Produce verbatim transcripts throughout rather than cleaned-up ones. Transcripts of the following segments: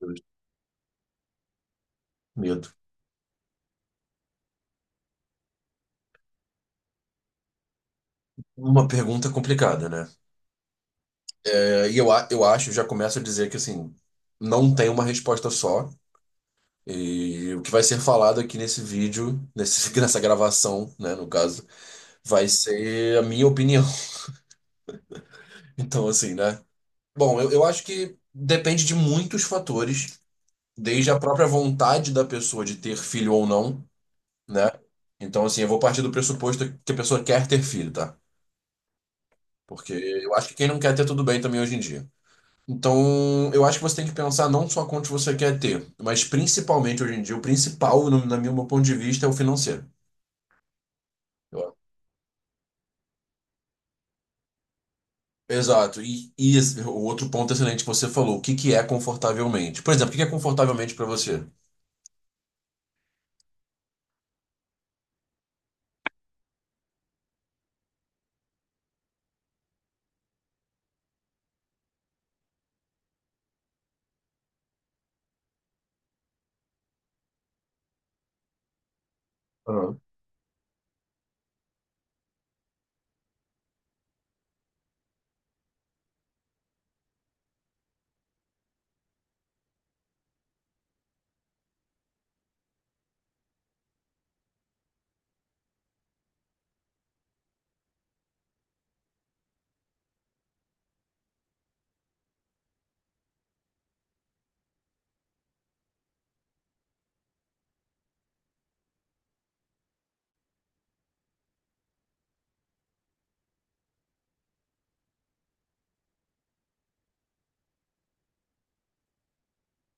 Deus, Medo. Uma pergunta complicada, né? É, e eu, a- eu acho, já começo a dizer que assim, não tem uma resposta só. E o que vai ser falado aqui nesse vídeo, nesse, nessa gravação, né, no caso, vai ser a minha opinião. Então, assim, né? Bom, eu, eu acho que depende de muitos fatores, desde a própria vontade da pessoa de ter filho ou não, né? Então, assim, eu vou partir do pressuposto que a pessoa quer ter filho, tá? Porque eu acho que quem não quer ter tudo bem também hoje em dia. Então, eu acho que você tem que pensar não só quanto você quer ter, mas principalmente hoje em dia, o principal, no, na meu, meu ponto de vista, é o financeiro. Eu- Exato. E, e esse- o outro ponto excelente que você falou, o que que é confortavelmente? Por exemplo, o que que é confortavelmente para você? Ah,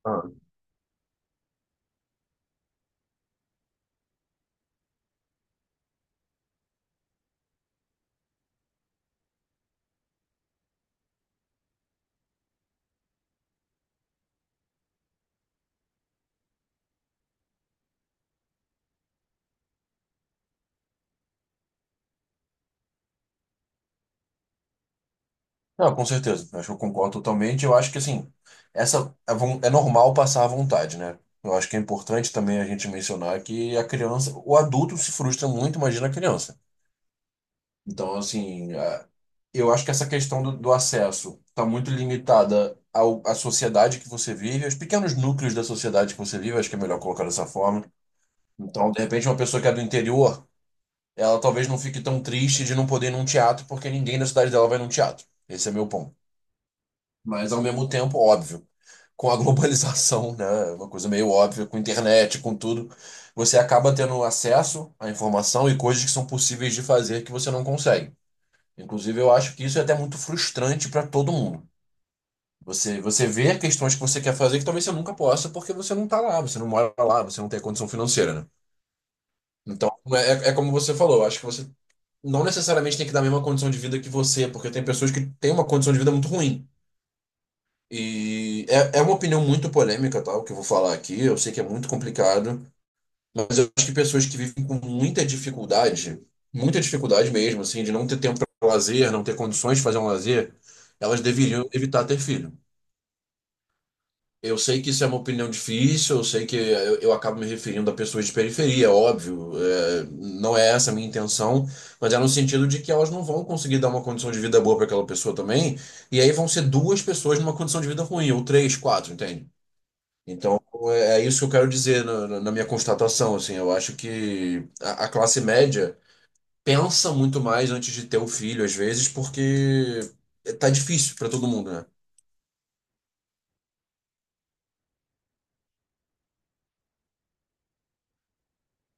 ah. Ah, com certeza. Acho que eu concordo totalmente. Eu acho que assim, essa é, von- é normal passar à vontade, né? Eu acho que é importante também a gente mencionar que a criança, o adulto se frustra muito, imagina a criança. Então, assim, a- eu acho que essa questão do, do acesso está muito limitada ao, à sociedade que você vive, aos pequenos núcleos da sociedade que você vive, acho que é melhor colocar dessa forma. Então, de repente, uma pessoa que é do interior, ela talvez não fique tão triste de não poder ir num teatro, porque ninguém na cidade dela vai num teatro. Esse é meu ponto. Mas, ao mesmo tempo, óbvio, com a globalização, né, uma coisa meio óbvia, com internet, com tudo, você acaba tendo acesso à informação e coisas que são possíveis de fazer que você não consegue. Inclusive, eu acho que isso é até muito frustrante para todo mundo. Você, você vê questões que você quer fazer que talvez você nunca possa, porque você não tá lá, você não mora lá, você não tem a condição financeira, né? Então, é, é é como você falou, eu acho que você não necessariamente tem que dar a mesma condição de vida que você, porque tem pessoas que têm uma condição de vida muito ruim. E é, é uma opinião muito polêmica, tal, que eu vou falar aqui, eu sei que é muito complicado. Mas eu acho que pessoas que vivem com muita dificuldade, muita dificuldade mesmo, assim, de não ter tempo para lazer, não ter condições de fazer um lazer, elas deveriam evitar ter filho. Eu sei que isso é uma opinião difícil, eu sei que eu, eu acabo me referindo a pessoas de periferia, óbvio, é, não é essa a minha intenção, mas é no sentido de que elas não vão conseguir dar uma condição de vida boa para aquela pessoa também, e aí vão ser duas pessoas numa condição de vida ruim, ou três, quatro, entende? Então, é é isso que eu quero dizer na, na- na minha constatação, assim, eu acho que a, a classe média pensa muito mais antes de ter o filho, às vezes, porque tá difícil para todo mundo, né?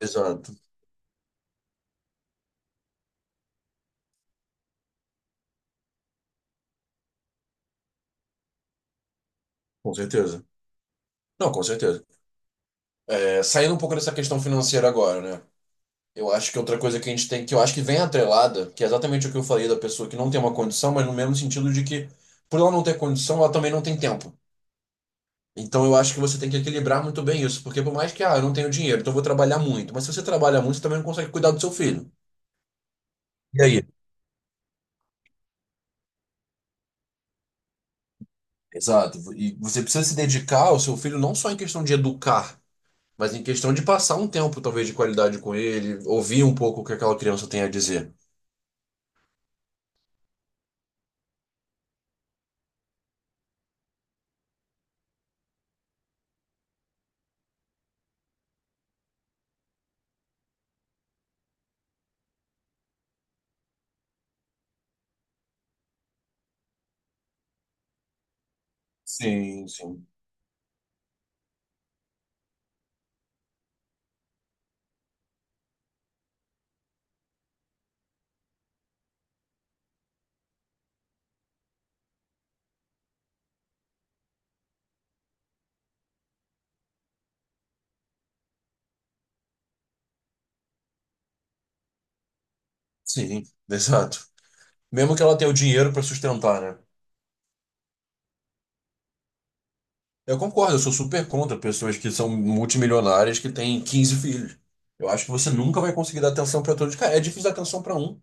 Exato, com certeza. Não, com certeza. É, saindo um pouco dessa questão financeira agora, né? Eu acho que outra coisa que a gente tem, que eu acho que vem atrelada, que é exatamente o que eu falei da pessoa que não tem uma condição, mas no mesmo sentido de que, por ela não ter condição, ela também não tem tempo. Então eu acho que você tem que equilibrar muito bem isso, porque por mais que, ah, eu não tenho dinheiro, então eu vou trabalhar muito. Mas se você trabalha muito, você também não consegue cuidar do seu filho. E aí? Exato. E você precisa se dedicar ao seu filho não só em questão de educar, mas em questão de passar um tempo, talvez, de qualidade com ele, ouvir um pouco o que aquela criança tem a dizer. Sim, sim. Sim, exato. Mesmo que ela tenha o dinheiro para sustentar, né? Eu concordo, eu sou super contra pessoas que são multimilionárias que têm quinze filhos. Eu acho que você nunca vai conseguir dar atenção para todos. Cara, é difícil dar atenção para um.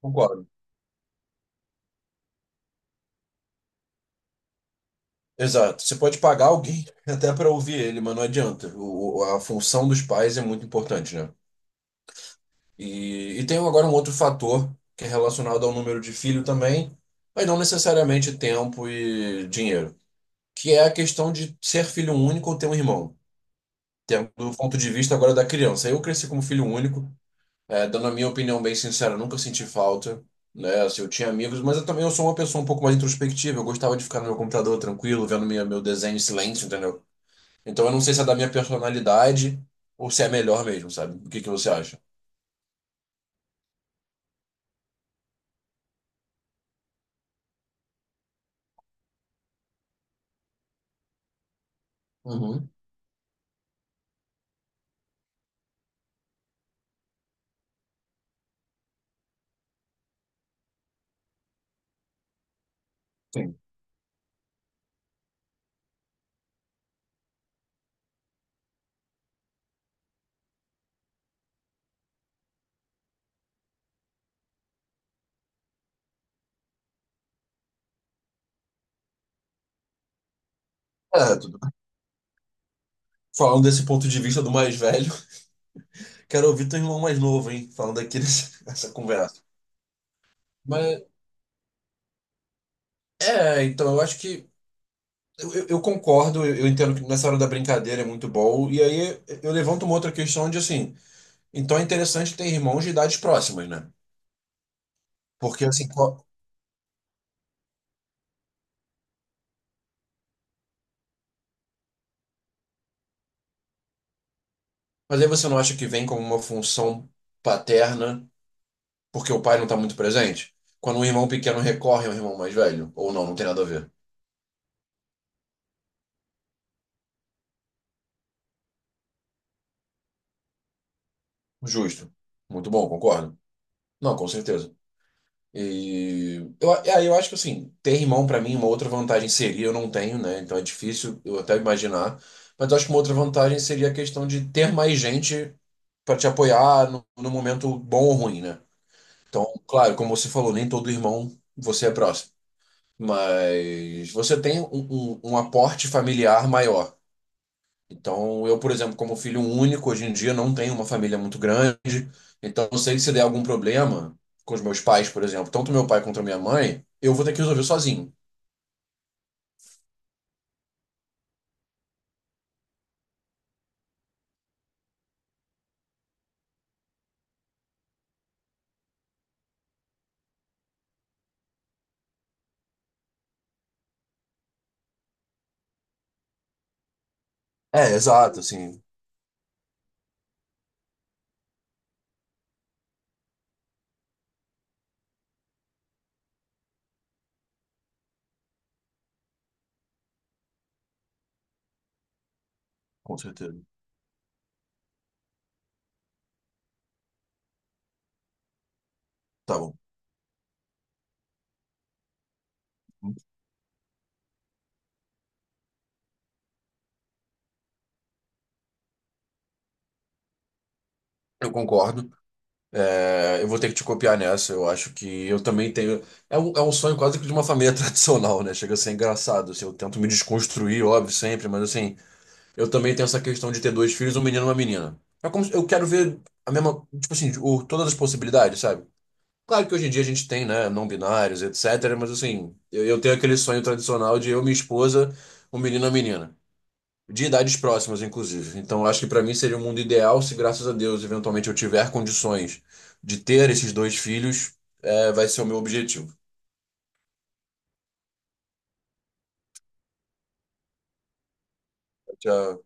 Concordo. Exato. Você pode pagar alguém até para ouvir ele, mas não adianta. O, o- a função dos pais é muito importante, né? E, e tem agora um outro fator que é relacionado ao número de filho também, mas não necessariamente tempo e dinheiro, que é a questão de ser filho único ou ter um irmão. Tendo do ponto de vista agora da criança. Eu cresci como filho único. É, dando a minha opinião bem sincera, eu nunca senti falta, né? Assim, eu tinha amigos, mas eu também eu sou uma pessoa um pouco mais introspectiva. Eu gostava de ficar no meu computador tranquilo, vendo minha, meu desenho em silêncio, entendeu? Então eu não sei se é da minha personalidade ou se é melhor mesmo, sabe? O que que você acha? Uhum, sim. É, tudo Falando desse ponto de vista do mais velho, quero ouvir teu irmão mais novo, hein? Falando aqui nessa nessa conversa. Mas, é, então eu acho que. Eu, eu- eu concordo, eu, eu entendo que nessa hora da brincadeira é muito bom. E aí eu levanto uma outra questão de assim. Então é interessante ter irmãos de idades próximas, né? Porque assim, qual- mas aí você não acha que vem como uma função paterna porque o pai não está muito presente? Quando um irmão pequeno recorre ao irmão mais velho? Ou não, não tem nada a ver. Justo. Muito bom, concordo. Não, com certeza. E eu, é, eu acho que assim, ter irmão para mim, é uma outra vantagem seria, eu não tenho, né? Então é difícil eu até imaginar. Mas eu acho que uma outra vantagem seria a questão de ter mais gente para te apoiar no, no momento bom ou ruim, né? Então, claro, como você falou, nem todo irmão você é próximo, mas você tem um, um, um aporte familiar maior. Então, eu, por exemplo, como filho único, hoje em dia não tenho uma família muito grande, então eu sei que se der algum problema com os meus pais, por exemplo, tanto meu pai quanto minha mãe, eu vou ter que resolver sozinho. É, exato, assim, com certeza. Tá bom. Eu concordo. É, eu vou ter que te copiar nessa. Eu acho que eu também tenho. É um, é um sonho quase que de uma família tradicional, né? Chega a ser engraçado. Assim, eu tento me desconstruir, óbvio, sempre, mas assim, eu também tenho essa questão de ter dois filhos, um menino e uma menina. É como se- Eu quero ver a mesma, tipo assim, o- todas as possibilidades, sabe? Claro que hoje em dia a gente tem, né, não binários, etcétera. Mas assim, eu, eu tenho aquele sonho tradicional de eu, minha esposa, um menino e uma menina. De idades próximas, inclusive. Então, eu acho que para mim seria o mundo ideal se, graças a Deus, eventualmente eu tiver condições de ter esses dois filhos, é, vai ser o meu objetivo. Já-